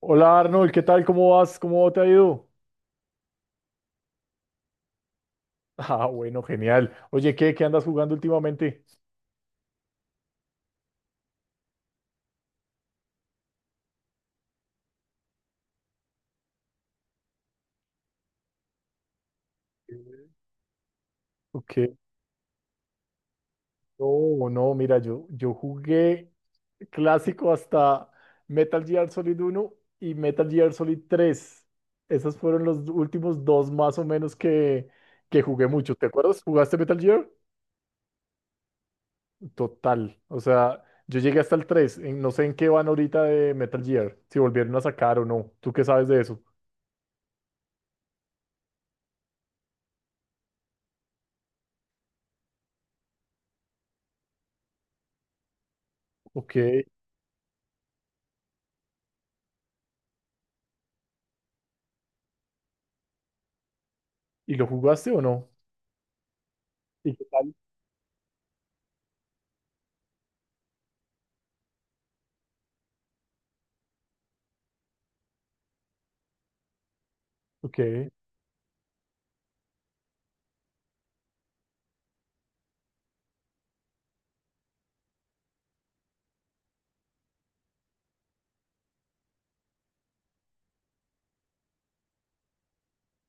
Hola Arnold, ¿qué tal? ¿Cómo vas? ¿Cómo te ha ido? Ah, bueno, genial. Oye, ¿qué andas jugando últimamente? Eh, Ok. No, no, mira, yo jugué clásico hasta Metal Gear Solid uno y Metal Gear Solid tres. Esos fueron los últimos dos más o menos que jugué mucho. ¿Te acuerdas? ¿Jugaste Metal Gear? Total. O sea, yo llegué hasta el 3. No sé en qué van ahorita de Metal Gear, si volvieron a sacar o no. ¿Tú qué sabes de eso? Ok. ¿Y lo jugaste o no? ¿Y qué tal? Ok,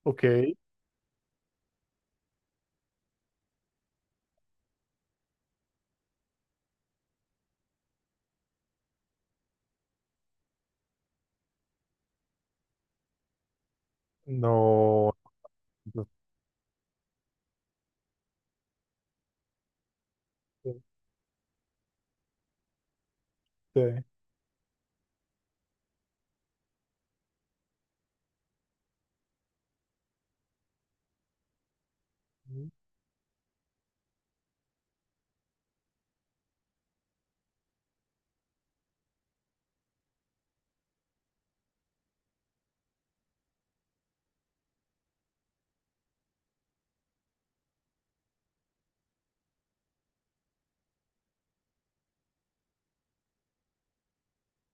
ok, no, no sé.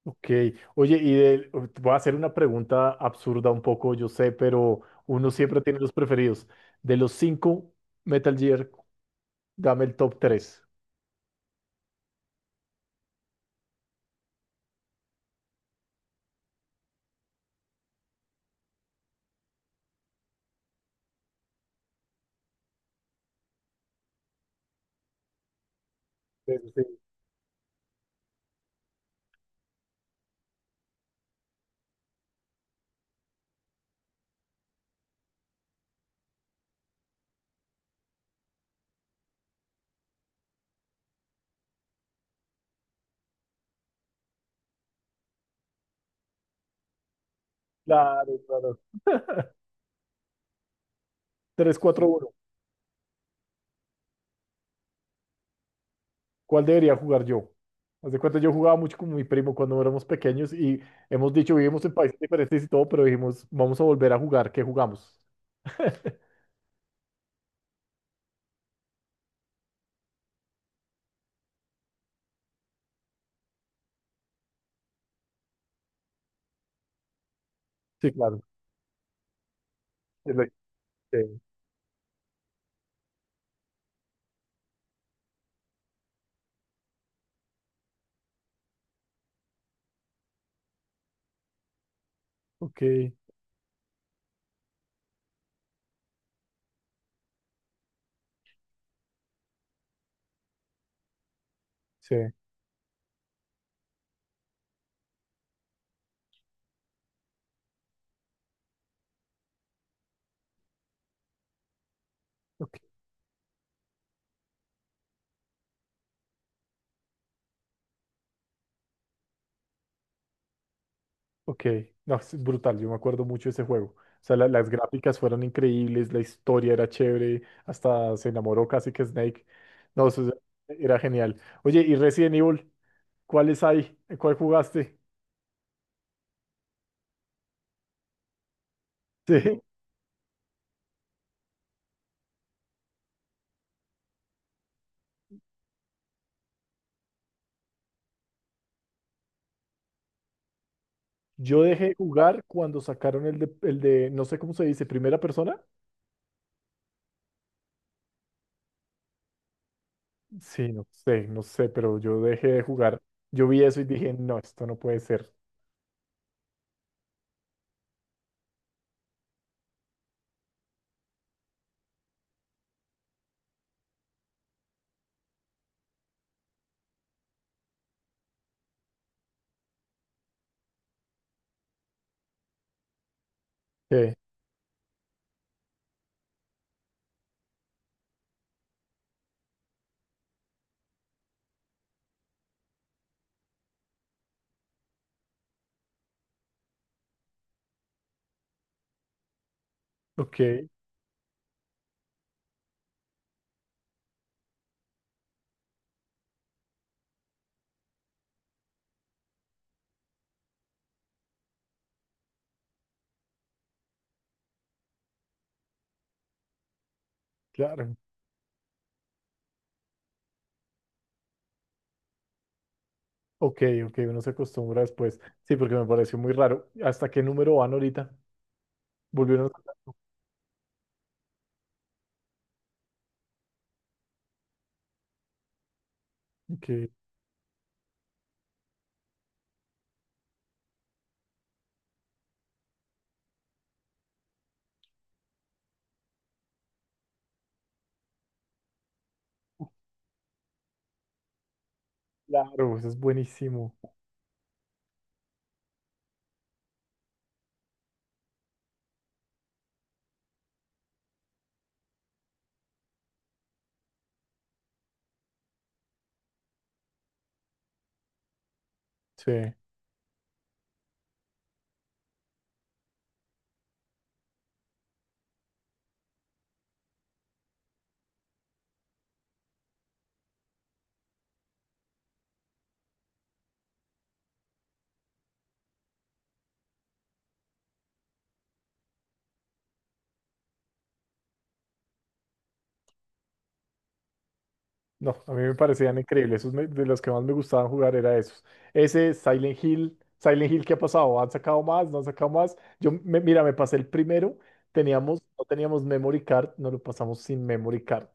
Ok, oye, voy a hacer una pregunta absurda un poco, yo sé, pero uno siempre tiene los preferidos. De los cinco Metal Gear, dame el top tres. Sí, sí, sí. Claro, claro. Tres, cuatro, uno. ¿Cuál debería jugar yo? Haz de cuenta, yo jugaba mucho con mi primo cuando éramos pequeños y hemos dicho, vivimos en países diferentes y todo, pero dijimos, vamos a volver a jugar, ¿qué jugamos? Sí, claro. Es la- sí. Ok. Sí, ok, ok. No, es brutal, yo me acuerdo mucho de ese juego. O sea, las gráficas fueron increíbles, la historia era chévere, hasta se enamoró casi que Snake. No, eso era genial. Oye, ¿y Resident Evil? ¿Cuáles hay? ¿Cuál jugaste? Sí. Yo dejé de jugar cuando sacaron no sé cómo se dice, primera persona. Sí, no sé, no sé, pero yo dejé de jugar. Yo vi eso y dije, no, esto no puede ser. Sí, ok, claro. Ok, ok, uno se acostumbra después. Sí, porque me pareció muy raro. ¿Hasta qué número van ahorita? Volvieron. a- Ok, claro, eso es buenísimo. Sí. No, a mí me parecían increíbles. Esos de los que más me gustaban jugar era esos. Ese, Silent Hill, Silent Hill, ¿qué ha pasado? ¿Han sacado más? ¿No han sacado más? Mira, me pasé el primero. No teníamos memory card, no lo pasamos sin memory card.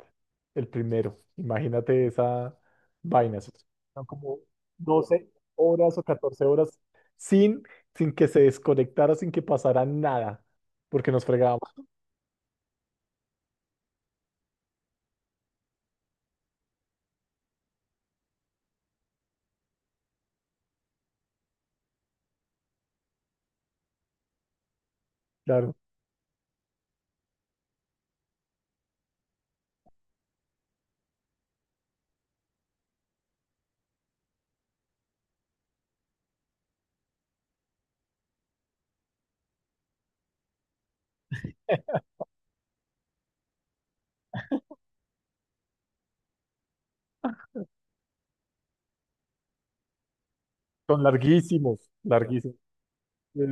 El primero. Imagínate esa vaina. Eso son como 12 horas o 14 horas sin, sin que se desconectara, sin que pasara nada, porque nos fregábamos, claro. Son larguísimos, larguísimos. Sí.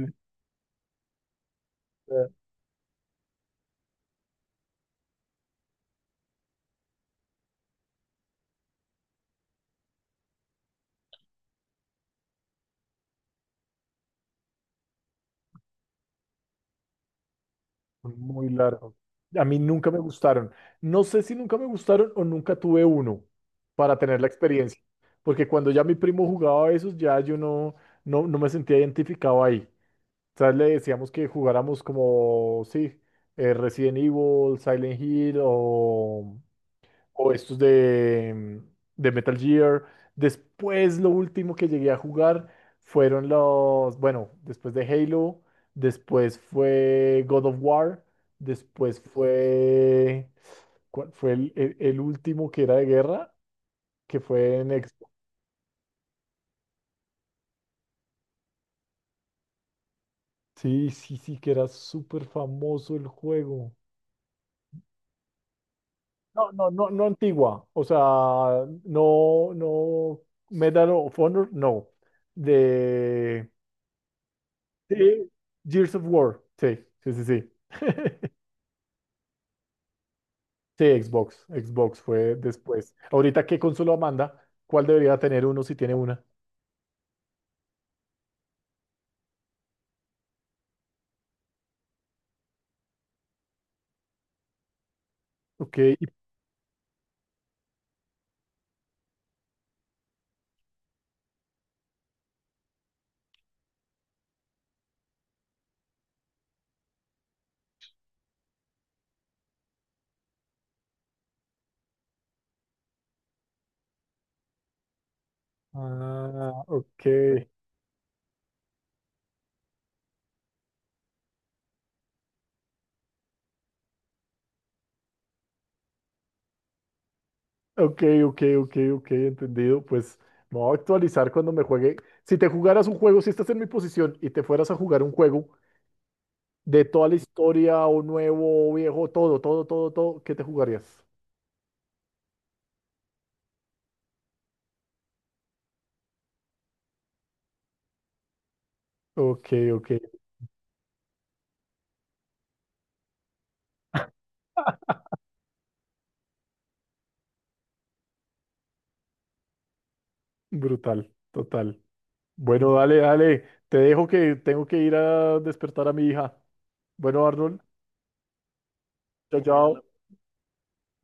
Muy largo. A mí nunca me gustaron. No sé si nunca me gustaron o nunca tuve uno para tener la experiencia. Porque cuando ya mi primo jugaba esos, ya yo no, no, no me sentía identificado ahí. O sea, le decíamos que jugáramos como, sí, Resident Evil, Silent Hill o estos de Metal Gear. Después lo último que llegué a jugar fueron los, bueno, después de Halo, después fue God of War, después fue, ¿cuál fue el último que era de guerra? Que fue en Xbox. Sí, sí, sí, que era súper famoso el juego. No, no, no, no antigua, o sea, no, no, Medal of Honor, no, de Sí, Gears of War. Sí, sí, sí, sí. Sí, Xbox. Xbox fue después. Ahorita, ¿qué consola manda? ¿Cuál debería tener uno si tiene una? Ok. Ah, ok. Ok, ok, ok, ok, entendido. Pues me voy a actualizar cuando me juegue. Si te jugaras un juego, si estás en mi posición y te fueras a jugar un juego de toda la historia, o nuevo, o viejo, todo, todo, todo, todo, ¿qué te jugarías? Ok, ok. Brutal, total. Bueno, dale, dale. Te dejo que tengo que ir a despertar a mi hija. Bueno, Arnold, chao, chao.